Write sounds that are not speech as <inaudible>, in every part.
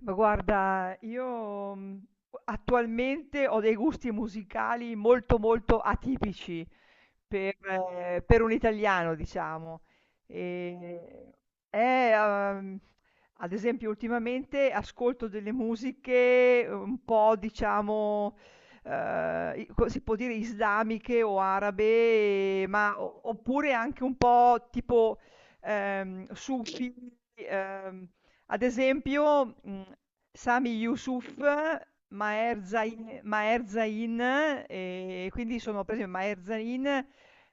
Ma guarda, io, attualmente ho dei gusti musicali molto, molto atipici per per un italiano, diciamo. Ehm, eh, uhm, ad esempio ultimamente ascolto delle musiche un po' diciamo, i co si può dire islamiche o arabe, ma o oppure anche un po' tipo, sufi, uhm ad esempio, Sami Yusuf, Maher Zain, quindi sono per esempio Maher Zain,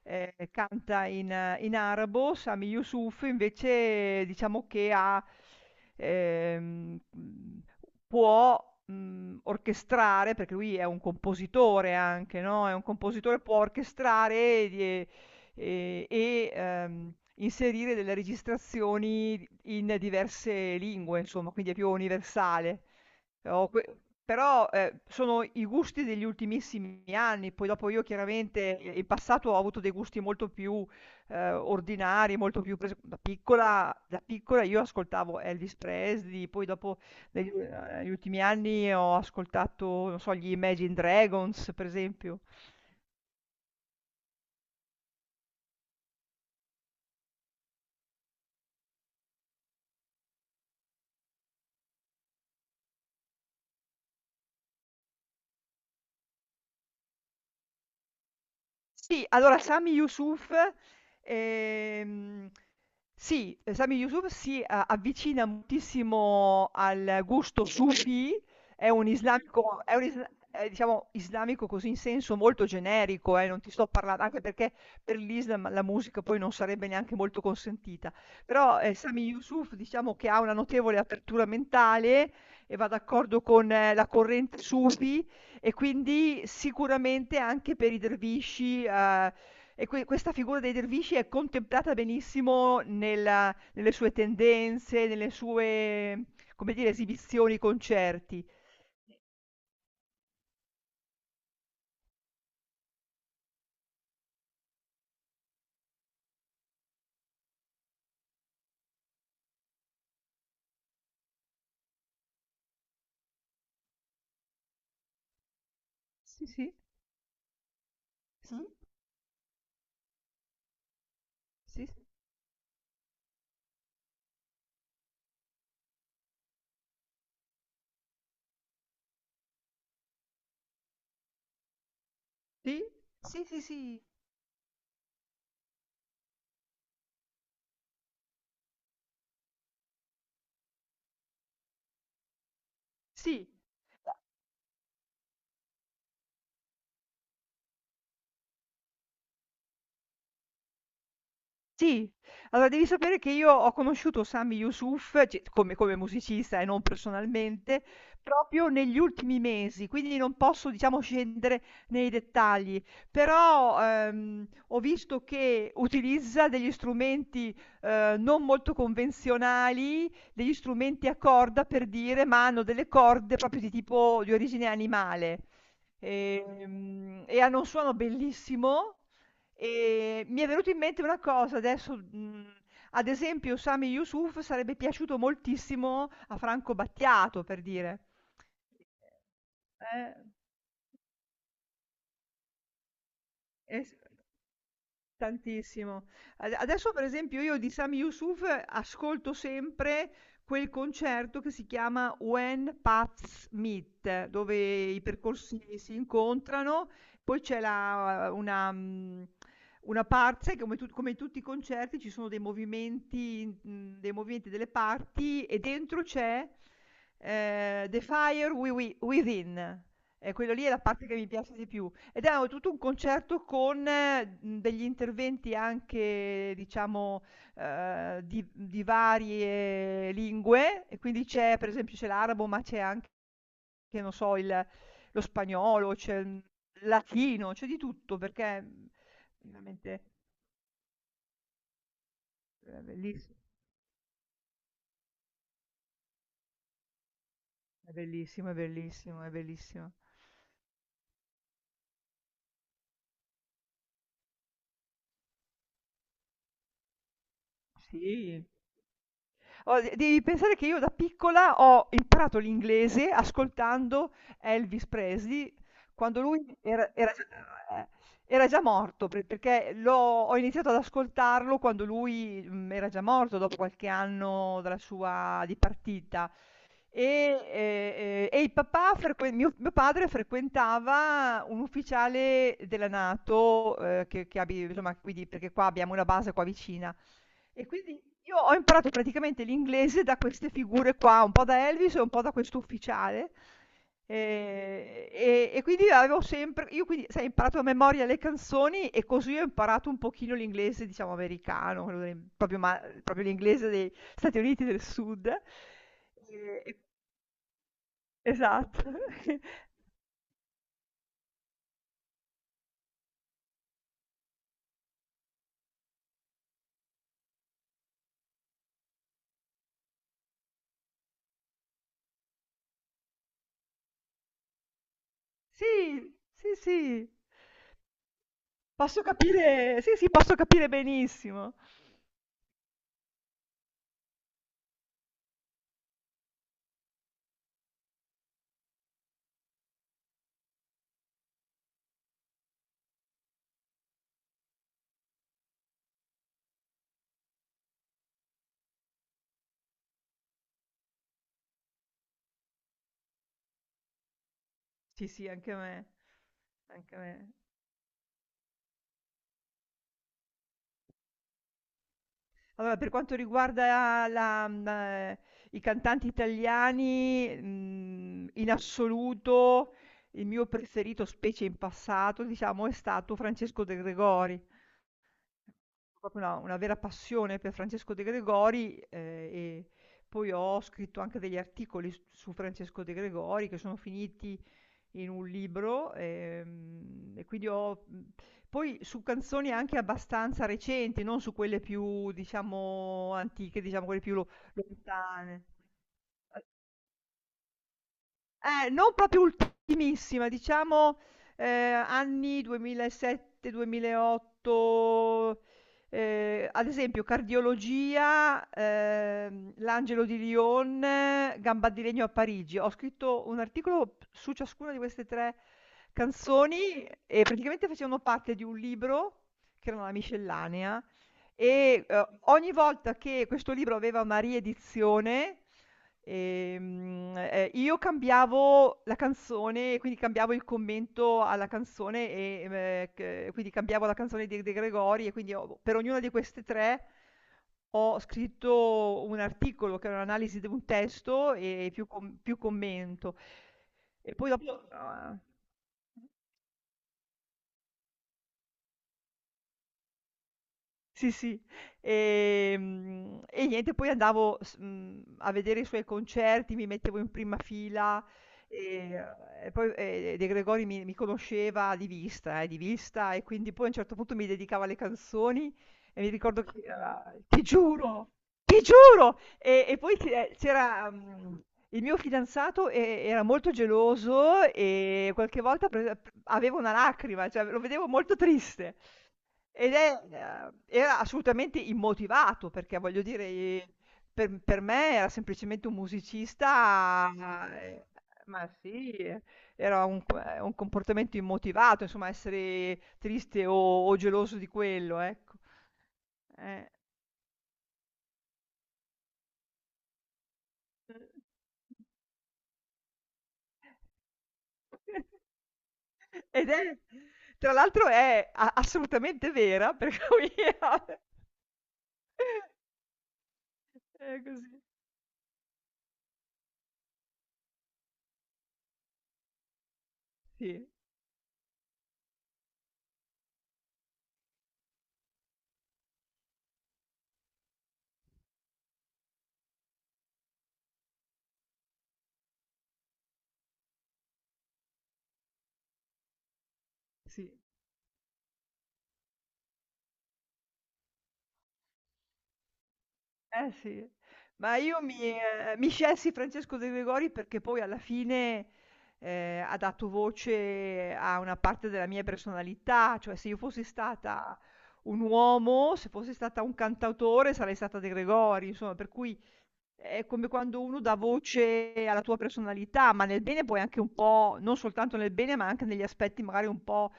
canta in arabo. Sami Yusuf invece diciamo che ha ehm, mhmm, può, orchestrare, perché lui è un compositore anche, no, è un compositore, può orchestrare di e, inserire delle registrazioni in diverse lingue, insomma, quindi è più universale. Però, que- però, sono i gusti degli ultimissimi anni, poi dopo io chiaramente in passato ho avuto dei gusti molto più ordinari, da piccola io ascoltavo Elvis Presley, poi dopo negli ultimi anni ho ascoltato, non so, gli Imagine Dragons, per esempio. Sì, allora Sami Yusuf, ehm, sì, Sami Yusuf avvicina moltissimo al gusto sufi, è un islamico, è, diciamo, islamico così in senso molto generico, non ti sto parlando, anche perché per l'Islam la musica poi non sarebbe neanche molto consentita, però Sami Yusuf diciamo che ha una notevole apertura mentale e va d'accordo con la corrente sufi e quindi sicuramente anche per i dervisci, questa figura dei dervisci è contemplata benissimo nella nelle sue tendenze, nelle sue, come dire, esibizioni, concerti. Sì, sì. Mh. Sì, sì, sì. Sì, sì, sì. Sì. Sì. Allora devi sapere che io ho conosciuto Sami Yusuf, c come come musicista e non personalmente, proprio negli ultimi mesi, quindi non posso diciamo scendere nei dettagli. Però, ho visto che utilizza degli strumenti, non molto convenzionali, degli strumenti a corda per dire, ma hanno delle corde proprio di tipo di origine animale. E hanno un suono bellissimo. Mi è venuto in mente una cosa adesso, ad esempio Sami Yusuf sarebbe piaciuto moltissimo a Franco Battiato, per dire. Eh. S Tantissimo. Ad adesso per esempio io di Sami Yusuf ascolto sempre quel concerto che si chiama When Paths Meet, dove i percorsi si incontrano, poi c'è la una una parte come tu come in tutti i concerti ci sono dei movimenti, dei movimenti delle parti e dentro c'è, The Fire Wi Wi Within. E quello lì è la parte che mi piace di più. Ed era tutto un concerto con, degli interventi anche diciamo, di varie lingue e quindi c'è per esempio, c'è l'arabo, ma c'è anche che non so il lo spagnolo, c'è il latino, c'è di tutto perché, mhmm, veramente, belliss è bellissimo, è bellissimo, è bellissimo. Sì. Oh, de devi pensare che io da piccola ho imparato l'inglese ascoltando Elvis Presley quando lui era già ehm, era già morto, pre perché l'ho ho iniziato ad ascoltarlo quando lui, era già morto dopo qualche anno dalla sua dipartita. E il papà frequen mio padre frequentava un ufficiale della NATO, che abi insomma, quindi perché qua abbiamo una base qua vicina. E quindi io ho imparato praticamente l'inglese da queste figure qua, un po' da Elvis e un po' da questo ufficiale. E quindi avevo sempre, io quindi, sai, ho imparato a memoria le canzoni e così ho imparato un pochino l'inglese, diciamo, americano, proprio, proprio l'inglese dei Stati Uniti del Sud. Esatto. <laughs> Sì, sì, sì, posso capire, sì, sì, posso capire benissimo. Sì, sì, anche a me, anche a me. Allora, per quanto riguarda la i cantanti italiani, in assoluto il mio preferito, specie in passato, diciamo, è stato Francesco De Gregori. Proprio una vera passione per Francesco De Gregori, e poi ho scritto anche degli articoli s su Francesco De Gregori che sono finiti in un libro, e quindi ho poi su canzoni anche abbastanza recenti, non su quelle più, diciamo, antiche, diciamo quelle più lo lontane. Non proprio ultimissima, diciamo, anni 2007, 2008, ad esempio Cardiologia, l'Angelo di Lyon, Gamba di legno a Parigi. Ho scritto un articolo su ciascuna di queste 3 canzoni e praticamente facevano parte di un libro che era una miscellanea e, ogni volta che questo libro aveva una riedizione, io cambiavo la canzone, quindi cambiavo il commento alla canzone, c quindi cambiavo la canzone di De Gregori e quindi ho per ognuna di queste 3 ho scritto un articolo che era un'analisi di un testo più commento. E poi dopo, sì, sì. E niente, poi andavo s a vedere i suoi concerti, mi mettevo in prima fila e poi e De Gregori mi conosceva di vista, di vista, e quindi poi a un certo punto mi dedicava le canzoni e mi ricordo che era ti giuro, ti giuro! Poi c'era, il mio fidanzato e era molto geloso e qualche volta pre p aveva una lacrima, cioè lo vedevo molto triste. Ed è era assolutamente immotivato, perché voglio dire, per me era semplicemente un musicista. Ma sì, era un comportamento immotivato, insomma essere triste o geloso di quello, ecco. Eh. <laughs> Ed è tra l'altro è a assolutamente vera, per cui <laughs> è così. Sì, sì. Sì. Ma io mi mi scelsi Francesco De Gregori perché poi alla fine, ha dato voce a una parte della mia personalità, cioè se io fossi stata un uomo, se fossi stata un cantautore sarei stata De Gregori, insomma, per cui è come quando uno dà voce alla tua personalità, ma nel bene poi anche un po' non soltanto nel bene, ma anche negli aspetti magari un po',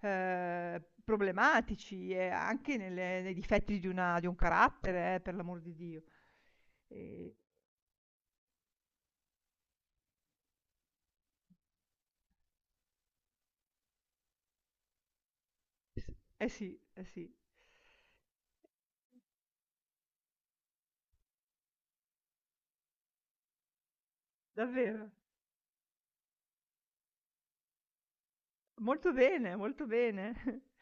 problematici e anche nelle nei difetti di una di un carattere, per l'amor di Dio. Ehm, s eh sì, eh sì. Davvero. Molto bene, molto bene. <laughs>